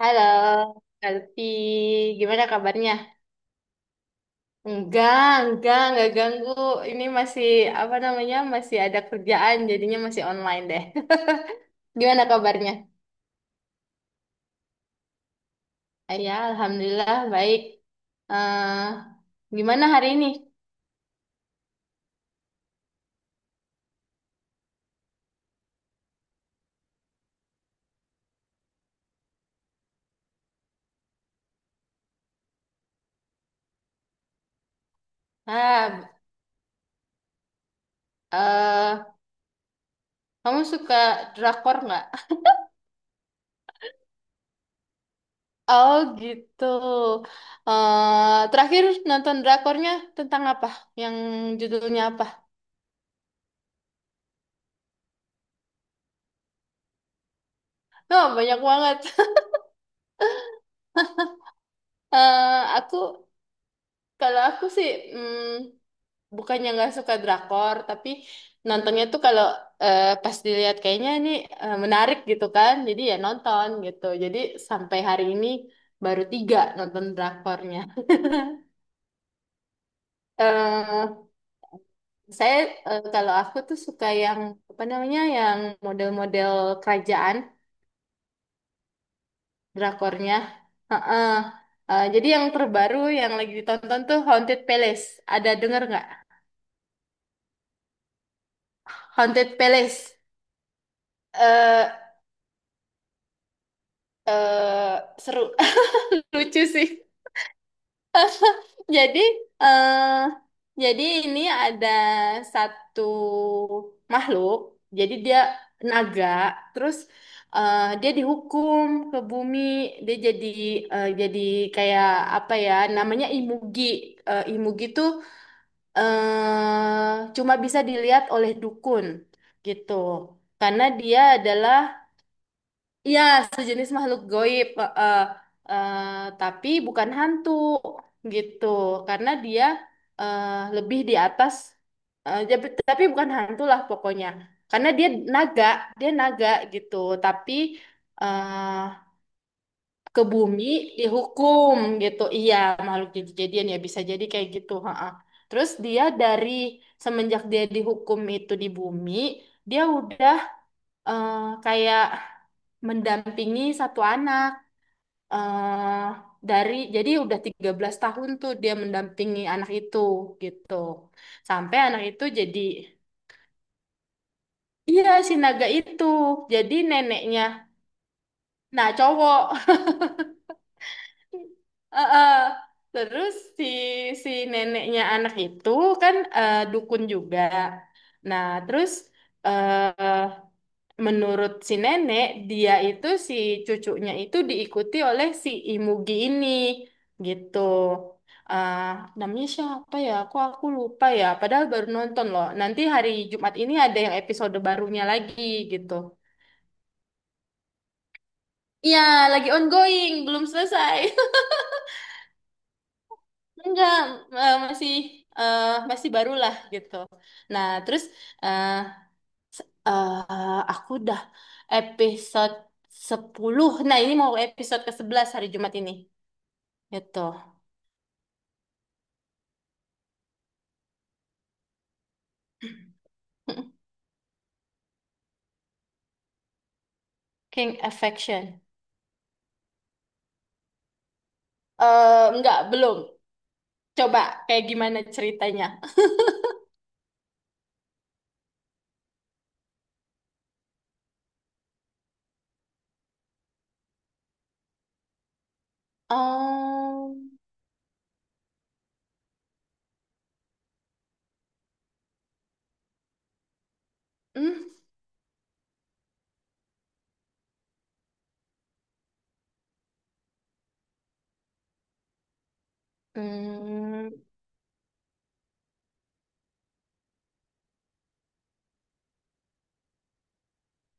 Halo, Kalpi. Gimana kabarnya? Enggak, enggak ganggu. Ini masih apa namanya? Masih ada kerjaan, jadinya masih online deh. Gimana kabarnya? Ya, alhamdulillah baik. eh Gimana hari ini? Ah, eh Kamu suka drakor nggak? Oh, gitu. Terakhir nonton drakornya tentang apa? Yang judulnya apa? Oh, banyak banget. eh aku Kalau aku sih, mm, bukannya nggak suka drakor, tapi nontonnya tuh kalau pas dilihat kayaknya ini menarik gitu kan, jadi ya nonton gitu. Jadi sampai hari ini baru tiga nonton drakornya. eh saya Kalau aku tuh suka yang apa namanya, yang model-model kerajaan drakornya. Heeh. Jadi yang terbaru yang lagi ditonton tuh Haunted Palace. Ada denger nggak? Haunted Palace. Eh, eh Seru, lucu sih, jadi eh jadi ini ada satu makhluk, jadi dia naga. Terus dia dihukum ke bumi, dia jadi jadi kayak apa ya, namanya imugi. Imugi tuh eh cuma bisa dilihat oleh dukun gitu, karena dia adalah, iya, sejenis makhluk goib, eh, tapi bukan hantu gitu, karena dia eh, lebih di atas, tapi bukan hantu lah pokoknya, karena naga, dia naga gitu, tapi eh, ke bumi dihukum gitu, iya, makhluk jadi-jadian ya bisa jadi kayak gitu, heeh. Terus dia dari semenjak dia dihukum itu di bumi, dia udah eh, kayak mendampingi satu anak eh dari, jadi udah 13 tahun tuh dia mendampingi anak itu gitu. Sampai anak itu jadi, iya si naga itu. Jadi neneknya. Nah, cowok. Eh, eh. Terus si si neneknya anak itu kan dukun juga. Nah, terus eh menurut si nenek, dia itu si cucunya itu diikuti oleh si Imugi ini gitu. ah Namanya siapa ya? Aku lupa ya. Padahal baru nonton loh. Nanti hari Jumat ini ada yang episode barunya lagi gitu. Iya, lagi ongoing, belum selesai. Enggak, eh, masih eh, masih barulah gitu. Nah, terus eh eh, aku udah episode 10. Nah, ini mau episode ke-11 hari Jumat ini. Gitu. King Affection. Enggak, belum. Coba kayak gimana ceritanya? Um, hmm, hmm,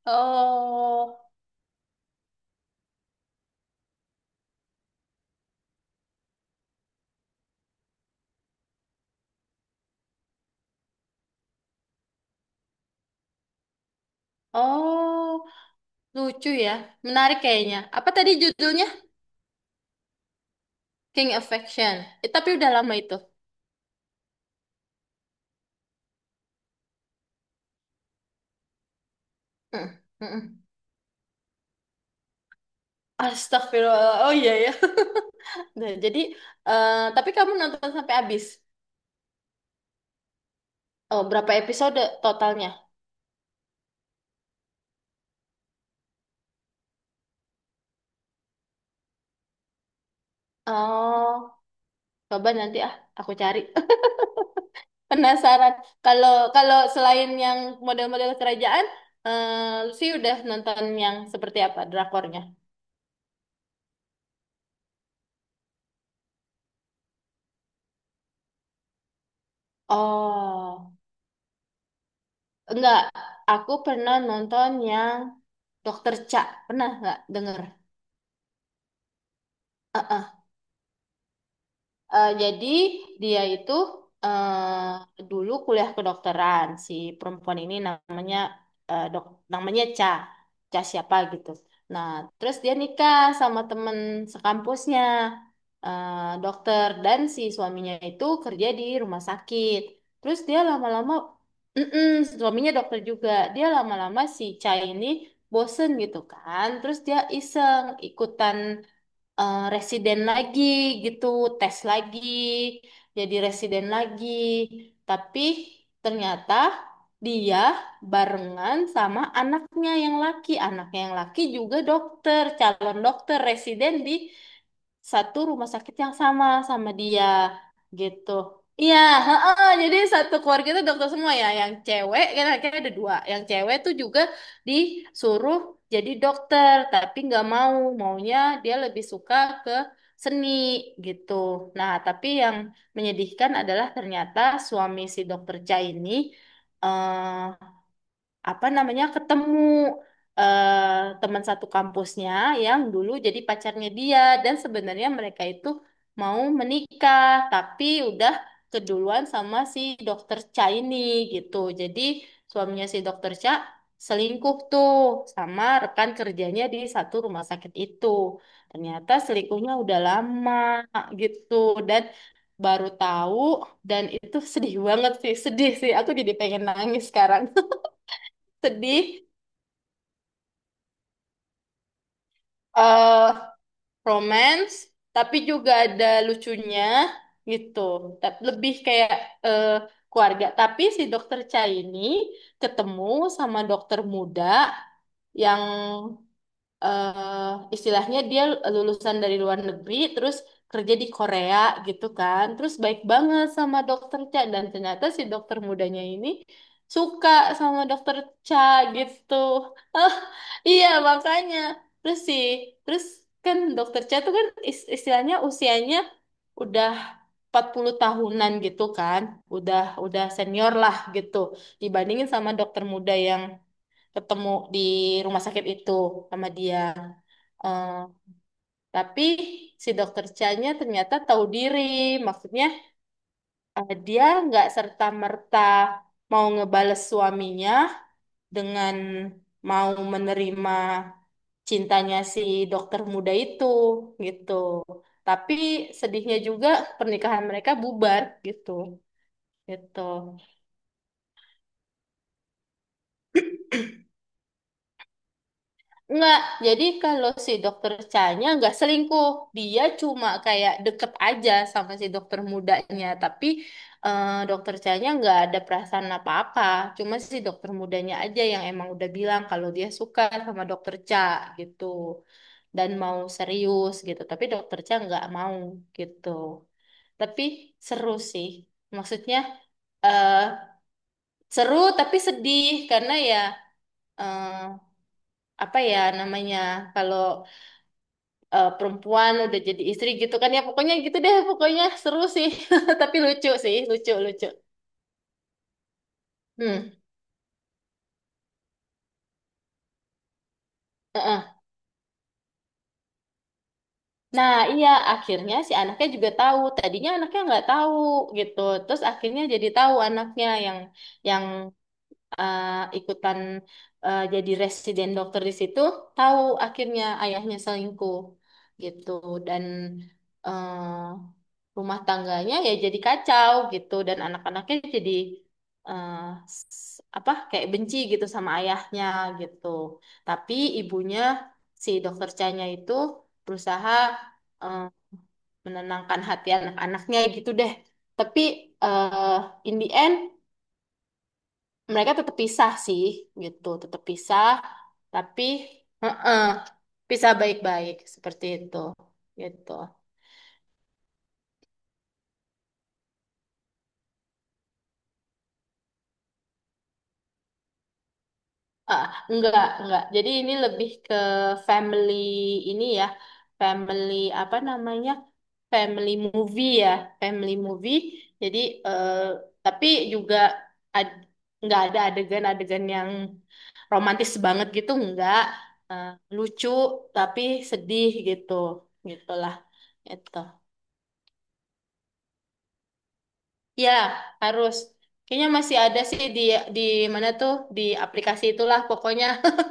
oh, oh, lucu ya, menarik kayaknya. Apa tadi judulnya? King Affection. Tapi udah lama itu. Hmm, hmm. Astagfirullah. Oh iya ya. Nah, jadi, tapi kamu nonton sampai habis. Oh, berapa episode totalnya? Oh, coba nanti, aku cari. Penasaran. Kalau kalau selain yang model-model kerajaan, Lucy udah nonton yang seperti apa drakornya? Oh, enggak. Aku pernah nonton yang Dokter Cha. Pernah nggak denger? Jadi dia itu dulu kuliah kedokteran. Si perempuan ini namanya eh, dok, namanya Ca, Ca siapa gitu. Nah, terus dia nikah sama temen sekampusnya, dokter, dan si suaminya itu kerja di rumah sakit. Terus dia lama-lama, mm-mm, suaminya dokter juga. Dia lama-lama si Ca ini bosen gitu kan. Terus dia iseng ikutan residen lagi gitu, tes lagi, jadi residen lagi. Tapi ternyata dia barengan sama anaknya yang laki. Anaknya yang laki juga dokter, calon dokter residen di satu rumah sakit yang sama sama dia gitu. Iya, heeh, jadi satu keluarga itu dokter semua ya. Yang cewek kan akhirnya ada dua. Yang cewek tuh juga disuruh jadi dokter, tapi nggak mau, maunya dia lebih suka ke seni gitu. Nah, tapi yang menyedihkan adalah ternyata suami si dokter Cha ini eh, apa namanya ketemu teman satu kampusnya yang dulu jadi pacarnya dia, dan sebenarnya mereka itu mau menikah tapi udah keduluan sama si dokter Cha ini gitu. Jadi suaminya si dokter Cha selingkuh tuh sama rekan kerjanya di satu rumah sakit itu. Ternyata selingkuhnya udah lama gitu dan baru tahu, dan itu sedih banget sih, sedih sih. Aku jadi pengen nangis sekarang, sedih, eh romance, tapi juga ada lucunya gitu. Tapi lebih kayak eh, keluarga. Tapi si dokter Cha ini ketemu sama dokter muda yang istilahnya dia lulusan dari luar negeri, terus kerja di Korea gitu kan, terus baik banget sama dokter Cha, dan ternyata si dokter mudanya ini suka sama dokter Cha gitu. Ah, iya, makanya terus sih terus kan dokter Cha tuh kan istilahnya usianya udah 40 tahunan gitu kan, udah udah senior lah gitu, dibandingin sama dokter muda yang ketemu di rumah sakit itu sama dia. Eh, tapi si dokter Chanya ternyata tahu diri, maksudnya dia nggak serta-merta mau ngebales suaminya dengan mau menerima cintanya si dokter muda itu gitu. Tapi sedihnya juga pernikahan mereka bubar gitu. Gitu. Enggak, jadi kalau si dokter Chanya enggak selingkuh. Dia cuma kayak deket aja sama si dokter mudanya. Tapi dokter Chanya enggak ada perasaan apa-apa. Cuma si dokter mudanya aja yang emang udah bilang kalau dia suka sama dokter Cha gitu. Dan mau serius gitu. Tapi dokter Cha enggak mau gitu. Tapi seru sih. Maksudnya eh seru tapi sedih, karena ya eh, apa ya namanya, kalau perempuan udah jadi istri gitu kan, ya pokoknya gitu deh, pokoknya seru sih. Tapi lucu sih, lucu lucu. Hmm, heeh. Nah iya, akhirnya si anaknya juga tahu, tadinya anaknya nggak tahu gitu, terus akhirnya jadi tahu, anaknya yang eh, ikutan jadi residen dokter di situ tahu akhirnya ayahnya selingkuh gitu. Dan rumah tangganya ya jadi kacau gitu, dan anak-anaknya jadi eh, apa kayak benci gitu sama ayahnya gitu. Tapi ibunya si dokter Chanya itu berusaha eh, menenangkan hati anak-anaknya gitu deh. Tapi eh in the end mereka tetap pisah sih gitu, tetap pisah. Tapi heeh, pisah baik-baik seperti itu gitu. ah enggak enggak, jadi ini lebih ke family, ini ya, family apa namanya, family movie ya, family movie. Jadi eh, tapi juga ad- enggak ada adegan-adegan yang romantis banget gitu, enggak. Eh, Lucu tapi sedih gitu, gitulah itu. Ya, harus. Kayaknya masih ada sih di mana tuh, di aplikasi itulah pokoknya.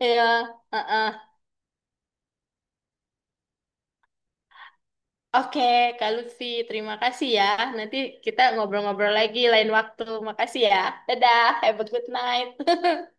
Ya, heeh. Oke, Kak Lutfi, terima kasih ya. Nanti kita ngobrol-ngobrol lagi lain waktu. Makasih ya. Dadah, have a good night.